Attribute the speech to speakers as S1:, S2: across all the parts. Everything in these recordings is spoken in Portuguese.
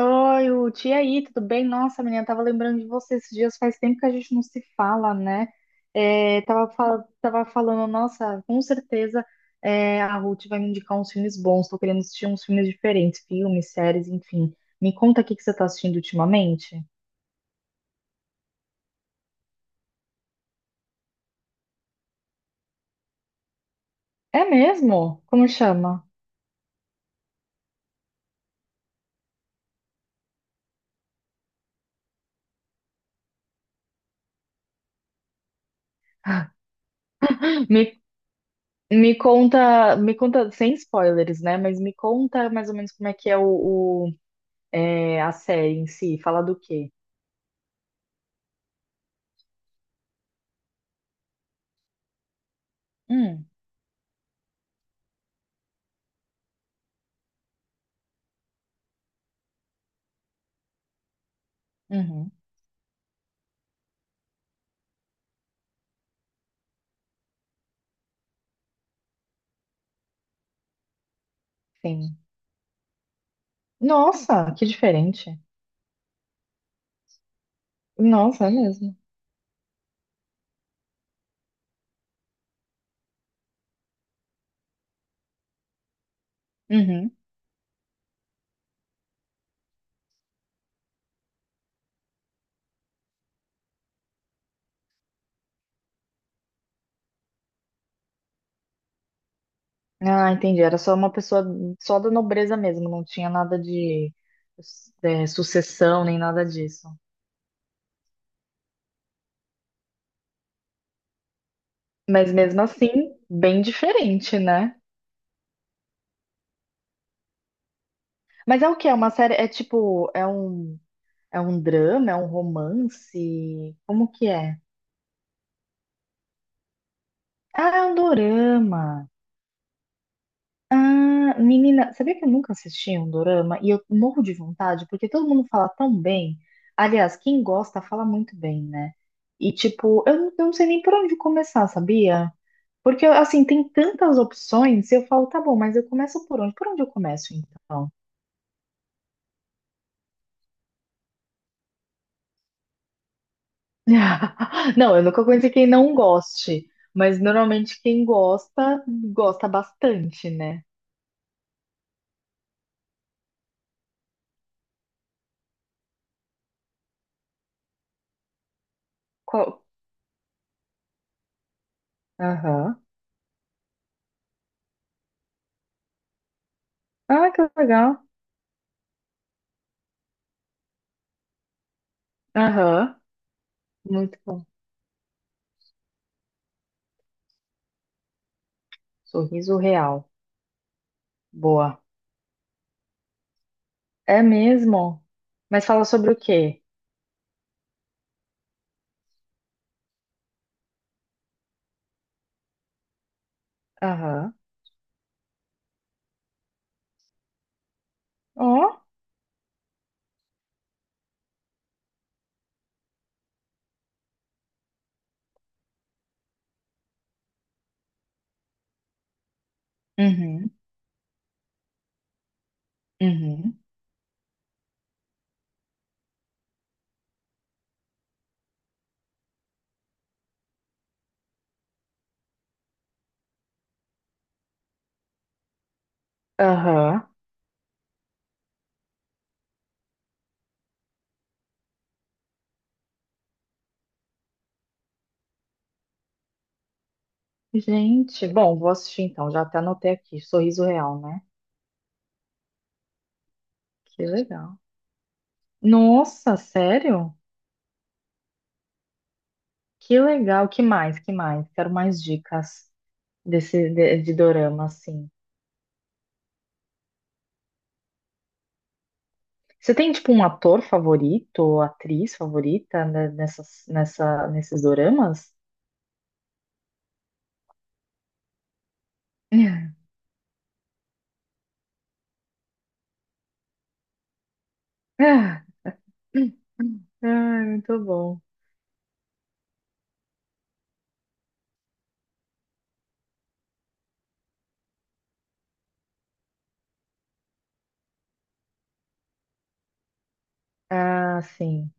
S1: Oi, Ruth, e aí, tudo bem? Nossa, menina, tava lembrando de você esses dias, faz tempo que a gente não se fala, né? É, tava falando, nossa, com certeza é, a Ruth vai me indicar uns filmes bons, tô querendo assistir uns filmes diferentes, filmes, séries, enfim. Me conta o que que você tá assistindo ultimamente. É mesmo? Como chama? Me, me conta, sem spoilers, né? Mas me conta mais ou menos como é que é o é, a série em si, fala do quê? Hum, uhum, sim. Nossa, que diferente. Nossa, é mesmo. Uhum. Ah, entendi. Era só uma pessoa só da nobreza mesmo, não tinha nada de é, sucessão nem nada disso. Mas mesmo assim, bem diferente, né? Mas é o que É uma série? É um drama, é um romance? Como que é? Ah, é um dorama. Ah, menina, sabia que eu nunca assisti um dorama e eu morro de vontade porque todo mundo fala tão bem. Aliás, quem gosta fala muito bem, né? E tipo, não eu não sei nem por onde começar, sabia? Porque assim, tem tantas opções, eu falo, tá bom, mas eu começo por onde? Por onde eu começo então? Não, eu nunca conheci quem não goste, mas normalmente quem gosta, gosta bastante, né? Qual- aham. Ah, que legal. Aham. Muito bom. Sorriso real. Boa. É mesmo? Mas fala sobre o quê? Aham. Ó. Uhum. Uhum. Aham. Gente, bom, vou assistir então. Já até anotei aqui. Sorriso Real, né? Que legal. Nossa, sério? Que legal. Que mais? Que mais? Quero mais dicas desse de dorama, assim. Você tem tipo um ator favorito ou atriz favorita né, nesses doramas? Ah, muito bom. Ah, sim.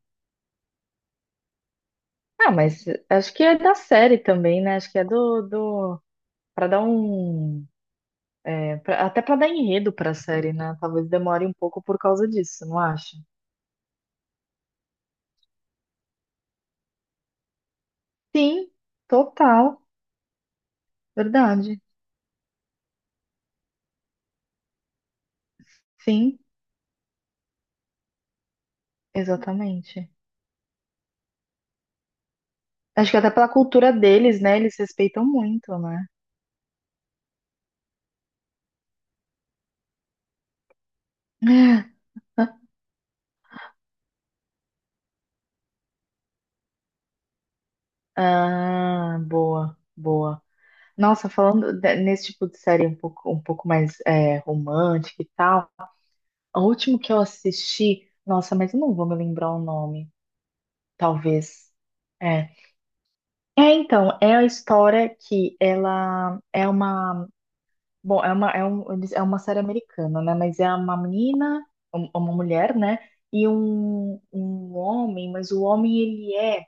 S1: Ah, mas acho que é da série também, né? Acho que é do para dar um é, até para dar enredo para a série, né? Talvez demore um pouco por causa disso, não acha? Sim, total, verdade. Sim, exatamente. Acho que até pela cultura deles, né? Eles respeitam muito, né? Ah, boa, boa. Nossa, nesse tipo de série um pouco mais é, romântica e tal, o último que eu assisti, nossa, mas eu não vou me lembrar o nome. Talvez. É. É, então, é a história que ela é uma, bom, é uma, é um, eles- É uma série americana, né? Mas é uma menina, uma mulher, né? E um homem, mas o homem ele é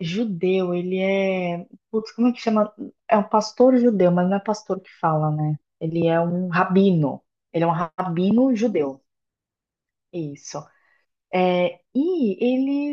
S1: judeu, ele é, putz, como é que chama? É um pastor judeu, mas não é pastor que fala, né? Ele é um rabino. Ele é um rabino judeu. Isso. É, e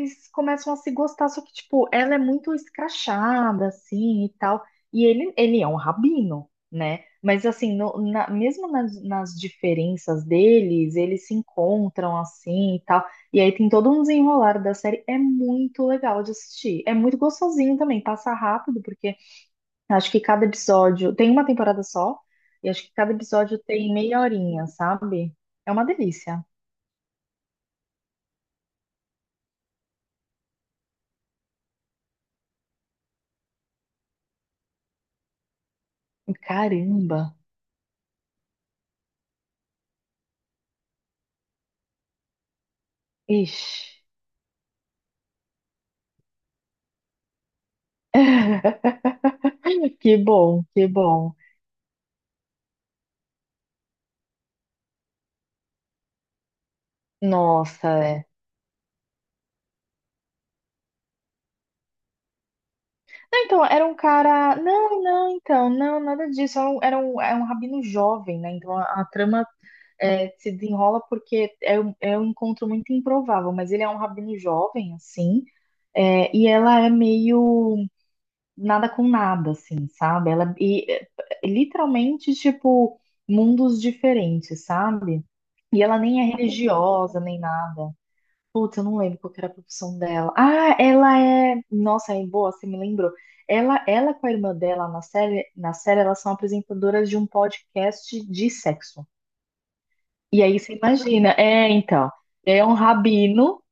S1: eles começam a se gostar, só que, tipo, ela é muito escrachada, assim, e tal. E ele é um rabino, né? Mas, assim, mesmo nas diferenças deles, eles se encontram, assim, e tal. E aí tem todo um desenrolar da série. É muito legal de assistir. É muito gostosinho também, passa rápido, porque acho que cada episódio... Tem uma temporada só, e acho que cada episódio tem meia horinha, sabe? É uma delícia. Caramba! Ixi. Que bom, que bom. Nossa, é. Não, então, era um cara. Não, não, então, não, nada disso. É um rabino jovem, né? Então a trama é, se desenrola porque é é um encontro muito improvável, mas ele é um rabino jovem, assim. É, e ela é meio nada com nada, assim, sabe? Literalmente, tipo, mundos diferentes, sabe? E ela nem é religiosa, nem nada. Putz, eu não lembro qual que era a profissão dela. Ah, ela é. Nossa, é boa, você me lembrou. Ela com a irmã dela na série, elas são apresentadoras de um podcast de sexo. E aí você imagina, é, então, é um rabino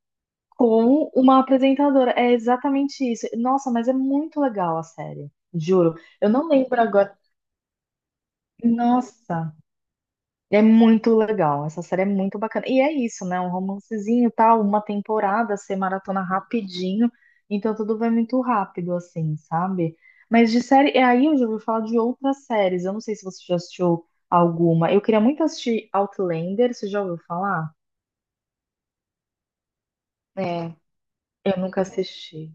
S1: com uma apresentadora. É exatamente isso. Nossa, mas é muito legal a série, juro. Eu não lembro agora. Nossa. É muito legal, essa série é muito bacana. E é isso, né? Um romancezinho, tal, uma temporada, ser maratona rapidinho, então tudo vai muito rápido, assim, sabe? Mas de série, é aí eu já ouvi falar de outras séries. Eu não sei se você já assistiu alguma. Eu queria muito assistir Outlander, você já ouviu falar? É. Eu nunca assisti.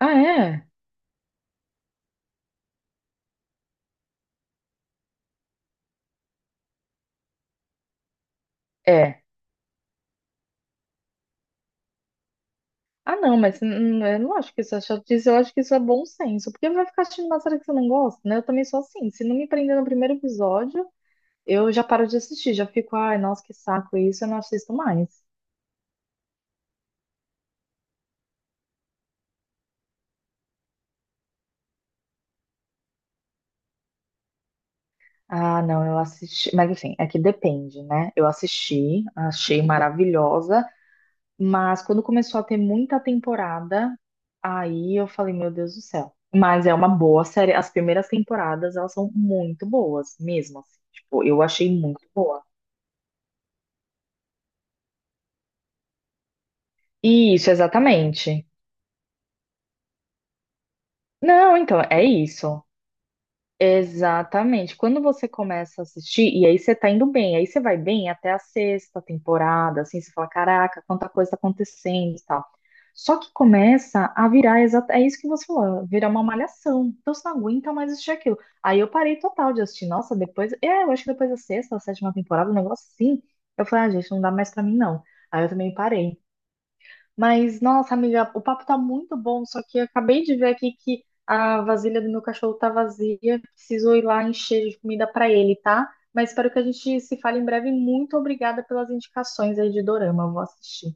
S1: Ah, é? É. Ah, não, mas eu não acho que isso é chatice, eu acho que isso é bom senso, porque vai ficar assistindo uma série que você não gosta, né? Eu também sou assim, se não me prender no primeiro episódio. Eu já paro de assistir, já fico, ai, nossa, que saco isso, eu não assisto mais. Ah, não, eu assisti. Mas enfim, é que depende, né? Eu assisti, achei maravilhosa, mas quando começou a ter muita temporada, aí eu falei, meu Deus do céu. Mas é uma boa série. As primeiras temporadas, elas são muito boas, mesmo assim. Tipo, eu achei muito boa. Isso, exatamente. Não, então, é isso. Exatamente. Quando você começa a assistir, e aí você tá indo bem, aí você vai bem até a sexta temporada, assim, você fala, caraca, quanta coisa tá acontecendo e tal. Só que começa a virar, é isso que você falou, virar uma malhação. Então você não aguenta mais assistir aquilo. Aí eu parei total de assistir. Nossa, depois, é, eu acho que depois da sexta, a sétima temporada, um negócio assim, eu falei, ah, gente, não dá mais pra mim, não. Aí eu também parei. Mas, nossa, amiga, o papo tá muito bom, só que eu acabei de ver aqui que a vasilha do meu cachorro tá vazia, preciso ir lá encher de comida pra ele, tá? Mas espero que a gente se fale em breve. Muito obrigada pelas indicações aí de Dorama, eu vou assistir.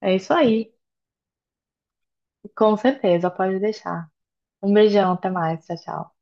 S1: É isso aí, com certeza, pode deixar. Um beijão, até mais, tchau, tchau.